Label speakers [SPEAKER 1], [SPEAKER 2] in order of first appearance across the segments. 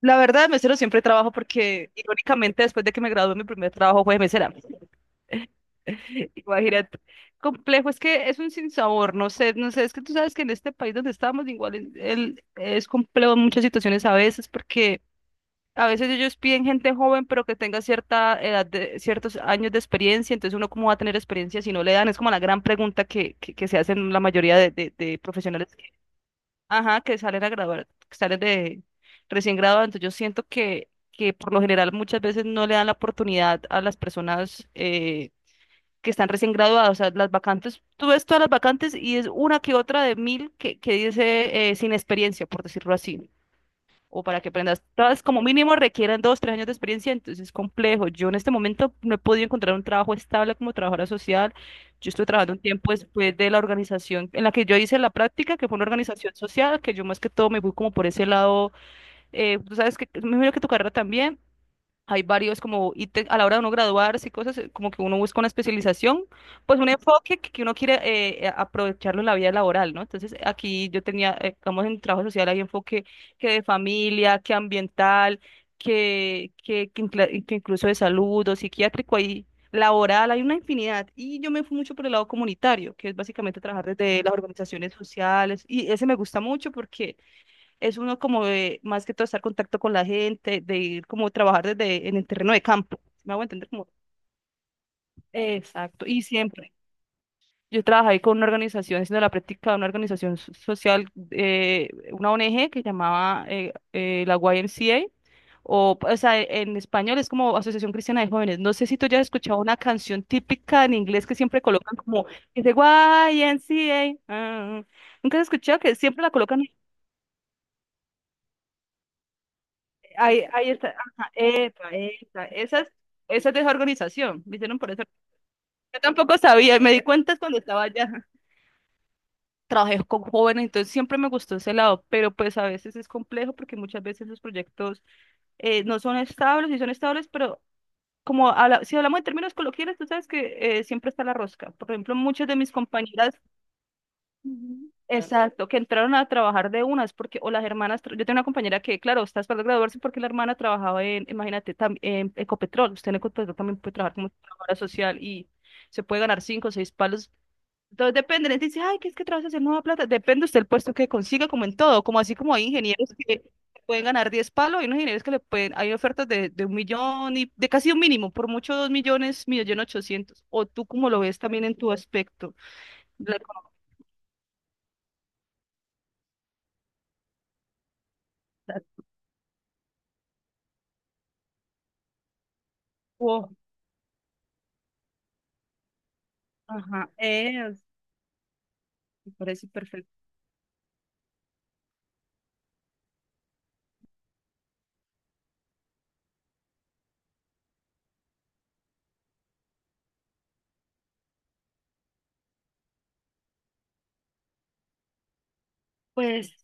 [SPEAKER 1] La verdad, de mesero siempre trabajo porque, irónicamente, después de que me gradué, mi primer trabajo fue de mesera. Imagínate. Complejo, es que es un sinsabor, no sé, es que tú sabes que en este país donde estamos, igual es complejo en muchas situaciones a veces, porque a veces ellos piden gente joven, pero que tenga cierta edad, de, ciertos años de experiencia, entonces uno cómo va a tener experiencia si no le dan, es como la gran pregunta que se hacen la mayoría de profesionales. Ajá, que salen a grabar, que salen de recién graduados. Entonces yo siento que por lo general muchas veces no le dan la oportunidad a las personas que están recién graduadas. O sea, las vacantes, tú ves todas las vacantes y es una que otra de mil que dice sin experiencia, por decirlo así, o para que aprendas. Todas como mínimo requieren dos, tres años de experiencia, entonces es complejo. Yo en este momento no he podido encontrar un trabajo estable como trabajadora social. Yo estoy trabajando un tiempo después de la organización en la que yo hice la práctica, que fue una organización social, que yo más que todo me fui como por ese lado. Tú sabes, que me imagino que tu carrera también. Hay varios como a la hora de uno graduarse y cosas, como que uno busca una especialización, pues un enfoque que uno quiere aprovecharlo en la vida laboral, ¿no? Entonces aquí yo tenía, digamos, en trabajo social hay enfoque que de familia, que ambiental, que incluso de salud o psiquiátrico, hay laboral, hay una infinidad. Y yo me fui mucho por el lado comunitario, que es básicamente trabajar desde las organizaciones sociales, y ese me gusta mucho porque es uno como de, más que todo estar en contacto con la gente, de ir como trabajar desde en el terreno de campo. ¿Sí ¿Me hago entender? Como, exacto, y siempre. Yo trabajé ahí con una organización, haciendo la práctica de una organización social, una ONG que llamaba la YMCA, o sea, en español es como Asociación Cristiana de Jóvenes. No sé si tú ya has escuchado una canción típica en inglés que siempre colocan como, que dice YMCA. Ah. ¿Nunca has escuchado que siempre la colocan? Ahí, ahí está. Ajá, epa, epa. Esa es desorganización. Me hicieron por eso. Yo tampoco sabía, me di cuenta cuando estaba allá. Trabajé con jóvenes, entonces siempre me gustó ese lado, pero pues a veces es complejo porque muchas veces los proyectos no son estables y son estables, pero si hablamos en términos coloquiales, tú sabes que siempre está la rosca. Por ejemplo, muchas de mis compañeras. Ujú. Exacto, que entraron a trabajar de unas, porque, o las hermanas, yo tengo una compañera que, claro, está esperando graduarse porque la hermana trabajaba en, imagínate, en Ecopetrol, usted en Ecopetrol también puede trabajar como trabajadora social y se puede ganar cinco o seis palos, entonces depende, la gente dice, ay, que es que trabajas en nueva plata, depende usted el puesto que consiga, como en todo, como así como hay ingenieros que pueden ganar diez palos, hay unos ingenieros que le pueden, hay ofertas de un millón y de casi un mínimo, por mucho dos millones, millón ochocientos, o tú como lo ves también en tu aspecto, la economía. Ajá, es, me parece perfecto. Pues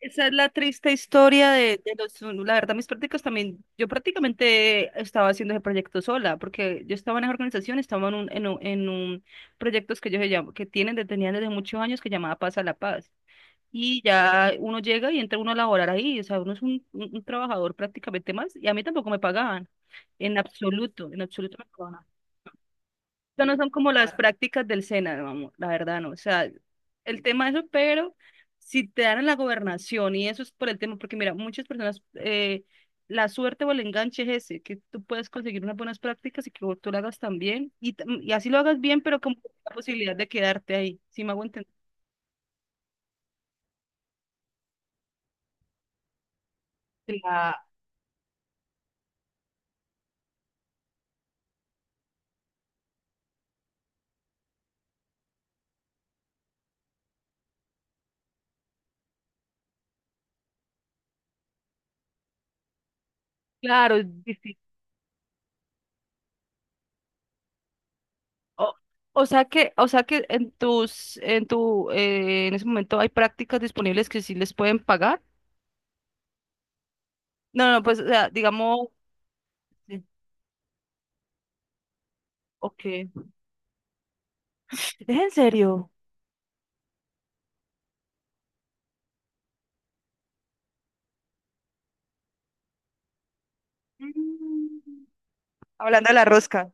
[SPEAKER 1] esa es la triste historia de los, la verdad, mis prácticas también, yo prácticamente estaba haciendo ese proyecto sola, porque yo estaba en esa organización, estaba en un proyectos que ellos que tienen, tenían desde muchos años que llamaba Paz a la Paz. Y ya uno llega y entra uno a laborar ahí, o sea, uno es un, un trabajador prácticamente más, y a mí tampoco me pagaban, en absoluto me pagaban. Eso no son como las prácticas del SENA, vamos, la verdad, no. O sea, el tema de eso, pero si te dan en la gobernación, y eso es por el tema, porque mira, muchas personas, la suerte o el enganche es ese, que tú puedes conseguir unas buenas prácticas y que tú lo hagas también, y, y así lo hagas bien, pero con la posibilidad de quedarte ahí, si me hago entender. Cla- Claro, es difícil. O, o sea que en tus, en tu, en ese momento hay prácticas disponibles que sí les pueden pagar. No, no, pues, o sea, digamos, ok. ¿Es en serio? Mm. Hablando de la rosca.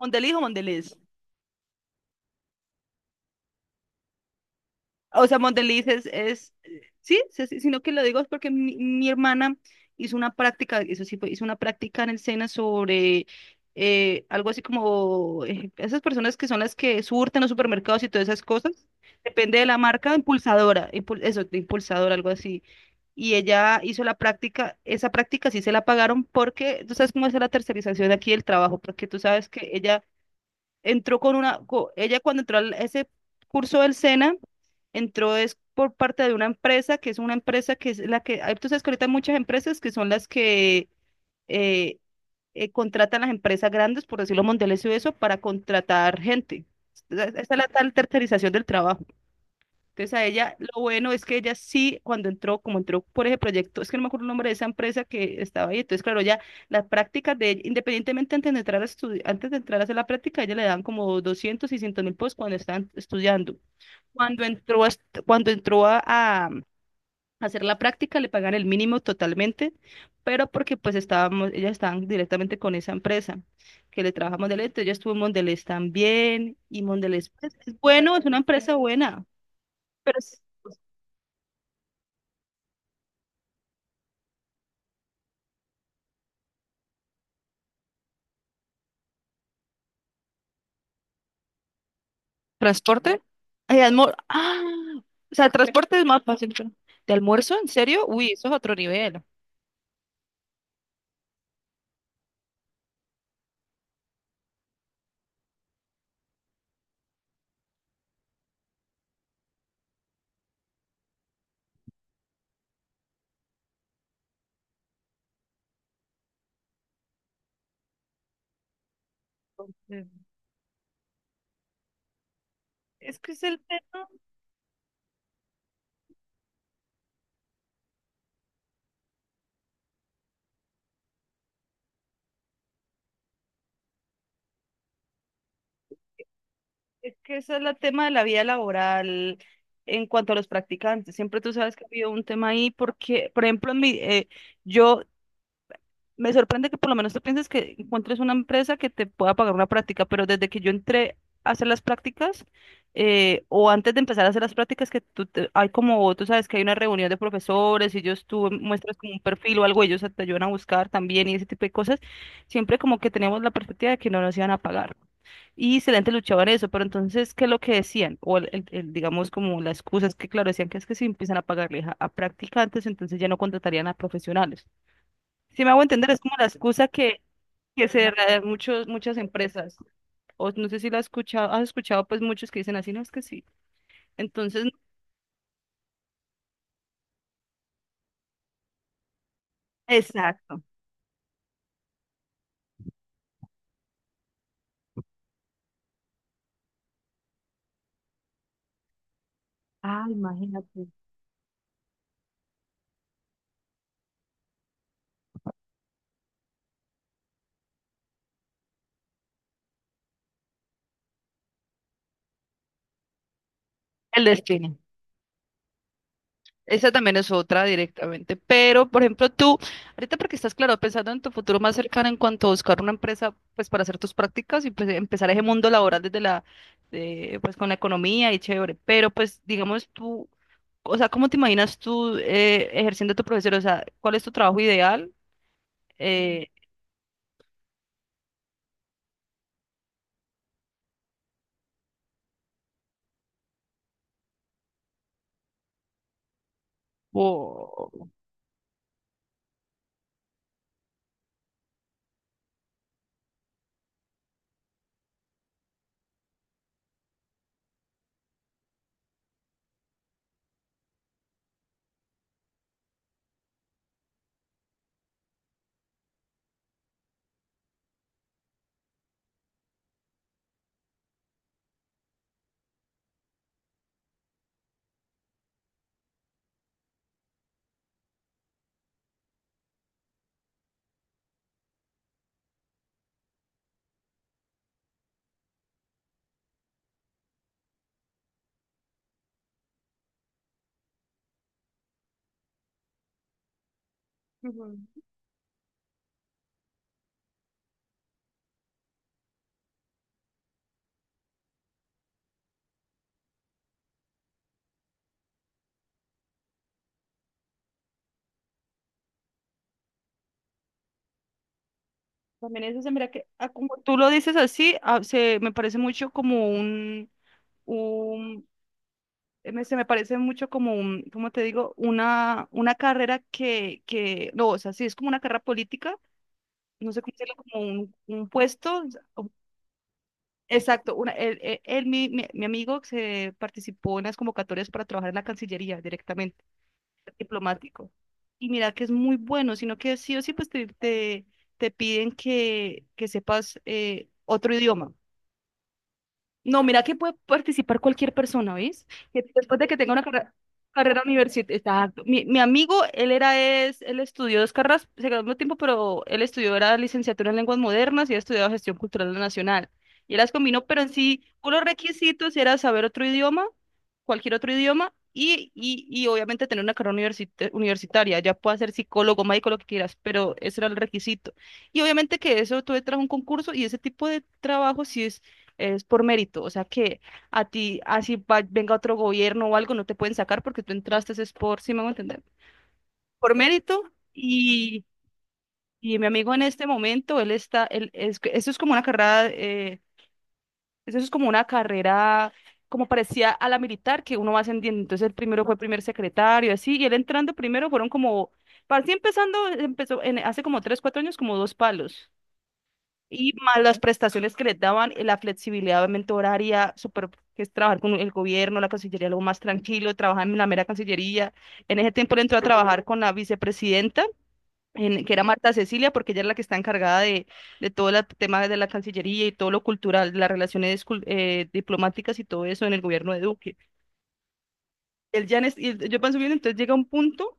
[SPEAKER 1] Mondeliz o Mondelez. O sea, Mondeliz es sí, sí, sí, sino que lo digo es porque mi hermana hizo una práctica, eso sí fue, hizo una práctica en el SENA sobre algo así como esas personas que son las que surten los supermercados y todas esas cosas. Depende de la marca, impulsadora, eso, de impulsadora, algo así. Y ella hizo la práctica, esa práctica sí se la pagaron porque tú sabes cómo es la tercerización aquí del trabajo, porque tú sabes que ella entró con una, ella cuando entró a ese curso del SENA, entró es por parte de una empresa, que es una empresa que es la que, tú sabes que ahorita hay muchas empresas que son las que eh, contratan las empresas grandes, por decirlo, Mondelez y eso, para contratar gente. Esa es la tal tercerización del trabajo. Entonces a ella, lo bueno es que ella sí, cuando entró, como entró por ese proyecto, es que no me acuerdo el nombre de esa empresa que estaba ahí, entonces claro, ya las prácticas de, ella, independientemente antes de antes de entrar a hacer la práctica, ella le dan como 200, 600 mil pesos cuando están estudiando. Cuando entró cuando entró a hacer la práctica, le pagan el mínimo totalmente, pero porque pues estábamos, ellas estaban directamente con esa empresa que le trabaja a Mondelez, entonces yo estuve en Mondelez también, y Mondelez pues, es bueno, es una empresa buena, pero... ¿Transporte? ¡Ah! O sea, transporte es más fácil. ¿De almuerzo? ¿En serio? Uy, eso es otro nivel. Entonces, es que es el tema, es que ese es el tema de la vida laboral en cuanto a los practicantes. Siempre tú sabes que ha habido un tema ahí porque, por ejemplo, en mi, yo me sorprende que por lo menos tú pienses que encuentres una empresa que te pueda pagar una práctica, pero desde que yo entré a hacer las prácticas, o antes de empezar a hacer las prácticas, hay como, tú sabes que hay una reunión de profesores y ellos tú muestras como un perfil o algo, ellos te ayudan a buscar también y ese tipo de cosas, siempre como que teníamos la perspectiva de que no nos iban a pagar. Y excelente luchaban eso, pero entonces, ¿qué es lo que decían? O el, digamos como la excusa es que, claro, decían que es que si empiezan a pagarle a practicantes, entonces ya no contratarían a profesionales. Si me hago entender, es como la excusa que se da muchos, muchas empresas. O no sé si la has escuchado pues muchos que dicen así, no es que sí. Entonces, exacto. Ah, el destino. Esa también es otra directamente. Pero, por ejemplo, tú, ahorita porque estás claro, pensando en tu futuro más cercano en cuanto a buscar una empresa, pues para hacer tus prácticas y pues, empezar ese mundo laboral desde la, de, pues con la economía y chévere. Pero, pues, digamos tú, o sea, ¿cómo te imaginas tú ejerciendo tu profesión? O sea, ¿cuál es tu trabajo ideal? Wow. Ujú. También eso se mira que, ah, como tú lo dices así, ah, se me parece mucho como un se me parece mucho como un, ¿cómo te digo? Una carrera no, o sea, sí es como una carrera política, no sé cómo decirlo, como un puesto, o- exacto, una, mi amigo se participó en las convocatorias para trabajar en la Cancillería directamente. Diplomático. Y mira que es muy bueno, sino que sí o sí pues te piden que sepas otro idioma. No, mira que puede participar cualquier persona, ¿ves? Que después de que tenga una carrera universitaria. Exacto. Mi amigo, él era, es, él estudió dos carreras, se graduó al tiempo, pero él estudió, era licenciatura en lenguas modernas y ha estudiado gestión cultural nacional. Y él las combinó, pero en sí, unos requisitos era saber otro idioma, cualquier otro idioma, y obviamente tener una carrera universitaria. Ya puede ser psicólogo, médico, lo que quieras, pero ese era el requisito. Y obviamente que eso tú entras a un concurso y ese tipo de trabajo sí es por mérito, o sea que a ti, así venga otro gobierno o algo, no te pueden sacar porque tú entraste es por, si me voy a entender, por mérito. Y, y mi amigo en este momento, él está, él es, que eso es como una carrera, eso es como una carrera, como parecía a la militar, que uno va ascendiendo. Entonces el primero fue primer secretario, así, y él entrando primero fueron como, para así empezando, empezó en, hace como tres, cuatro años, como dos palos. Y más las prestaciones que les daban, la flexibilidad obviamente horaria, súper, que es trabajar con el gobierno, la Cancillería, algo más tranquilo, trabajar en la mera Cancillería. En ese tiempo él entró a trabajar con la vicepresidenta, que era Marta Cecilia, porque ella es la que está encargada de todo el tema de la Cancillería y todo lo cultural, las relaciones diplomáticas y todo eso en el gobierno de Duque. Él ya y yo pienso bien, entonces llega un punto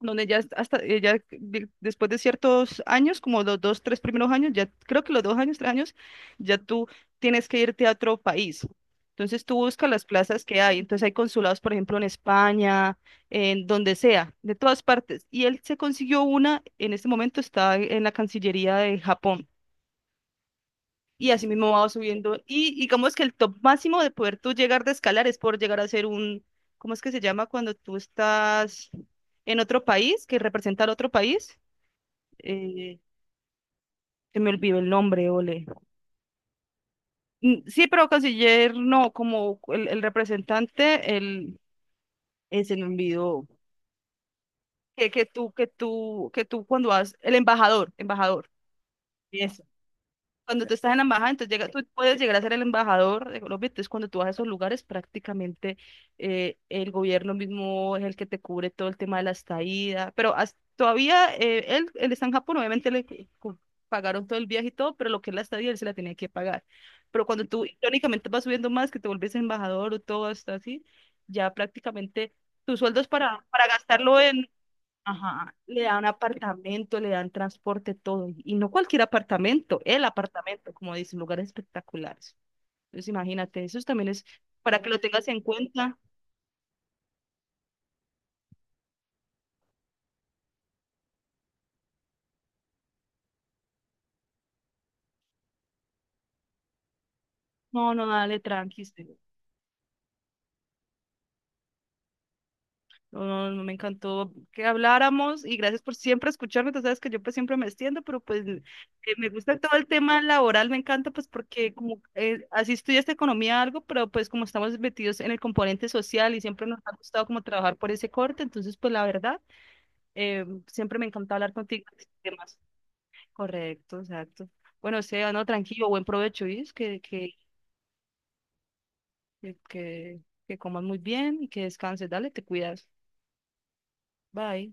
[SPEAKER 1] donde ya hasta ya después de ciertos años, como los dos, tres primeros años, ya creo que los dos años, tres años, ya tú tienes que irte a otro país. Entonces tú buscas las plazas que hay. Entonces hay consulados, por ejemplo, en España, en donde sea, de todas partes. Y él se consiguió una, en este momento está en la Cancillería de Japón y así mismo va subiendo. Y digamos que el top máximo de poder tú llegar de escalar es por llegar a ser un, ¿cómo es que se llama cuando tú estás en otro país, que representa al otro país? Eh, se me olvidó el nombre, ole. Mm, sí, pero canciller no, como el representante, el, se me olvidó. Que tú cuando vas, el embajador, embajador. Cuando tú estás en la embajada, entonces llega, tú puedes llegar a ser el embajador de Colombia, entonces cuando tú vas a esos lugares, prácticamente el gobierno mismo es el que te cubre todo el tema de la estadía, pero has- todavía él, él está en Japón, obviamente le cu- pagaron todo el viaje y todo, pero lo que es la estadía él se la tenía que pagar. Pero cuando tú irónicamente vas subiendo más, que te vuelves embajador o todo hasta así, ya prácticamente tu sueldo es para gastarlo. Ajá, le dan apartamento, le dan transporte, todo. Y no cualquier apartamento, el apartamento, como dicen, lugares espectaculares. Entonces, imagínate, eso también es para que lo tengas en cuenta. No, no, dale, tranqui. Este, no, no, no, me encantó que habláramos y gracias por siempre escucharme. Tú sabes que yo pues siempre me extiendo, pero pues me gusta todo el tema laboral, me encanta pues porque como así estudiaste economía algo, pero pues como estamos metidos en el componente social y siempre nos ha gustado como trabajar por ese corte, entonces pues la verdad. Siempre me encanta hablar contigo de estos temas. Correcto, exacto. Bueno, sea, no, tranquilo, buen provecho, ¿y? Que, que, que comas muy bien y que descanses. Dale, te cuidas. Bye.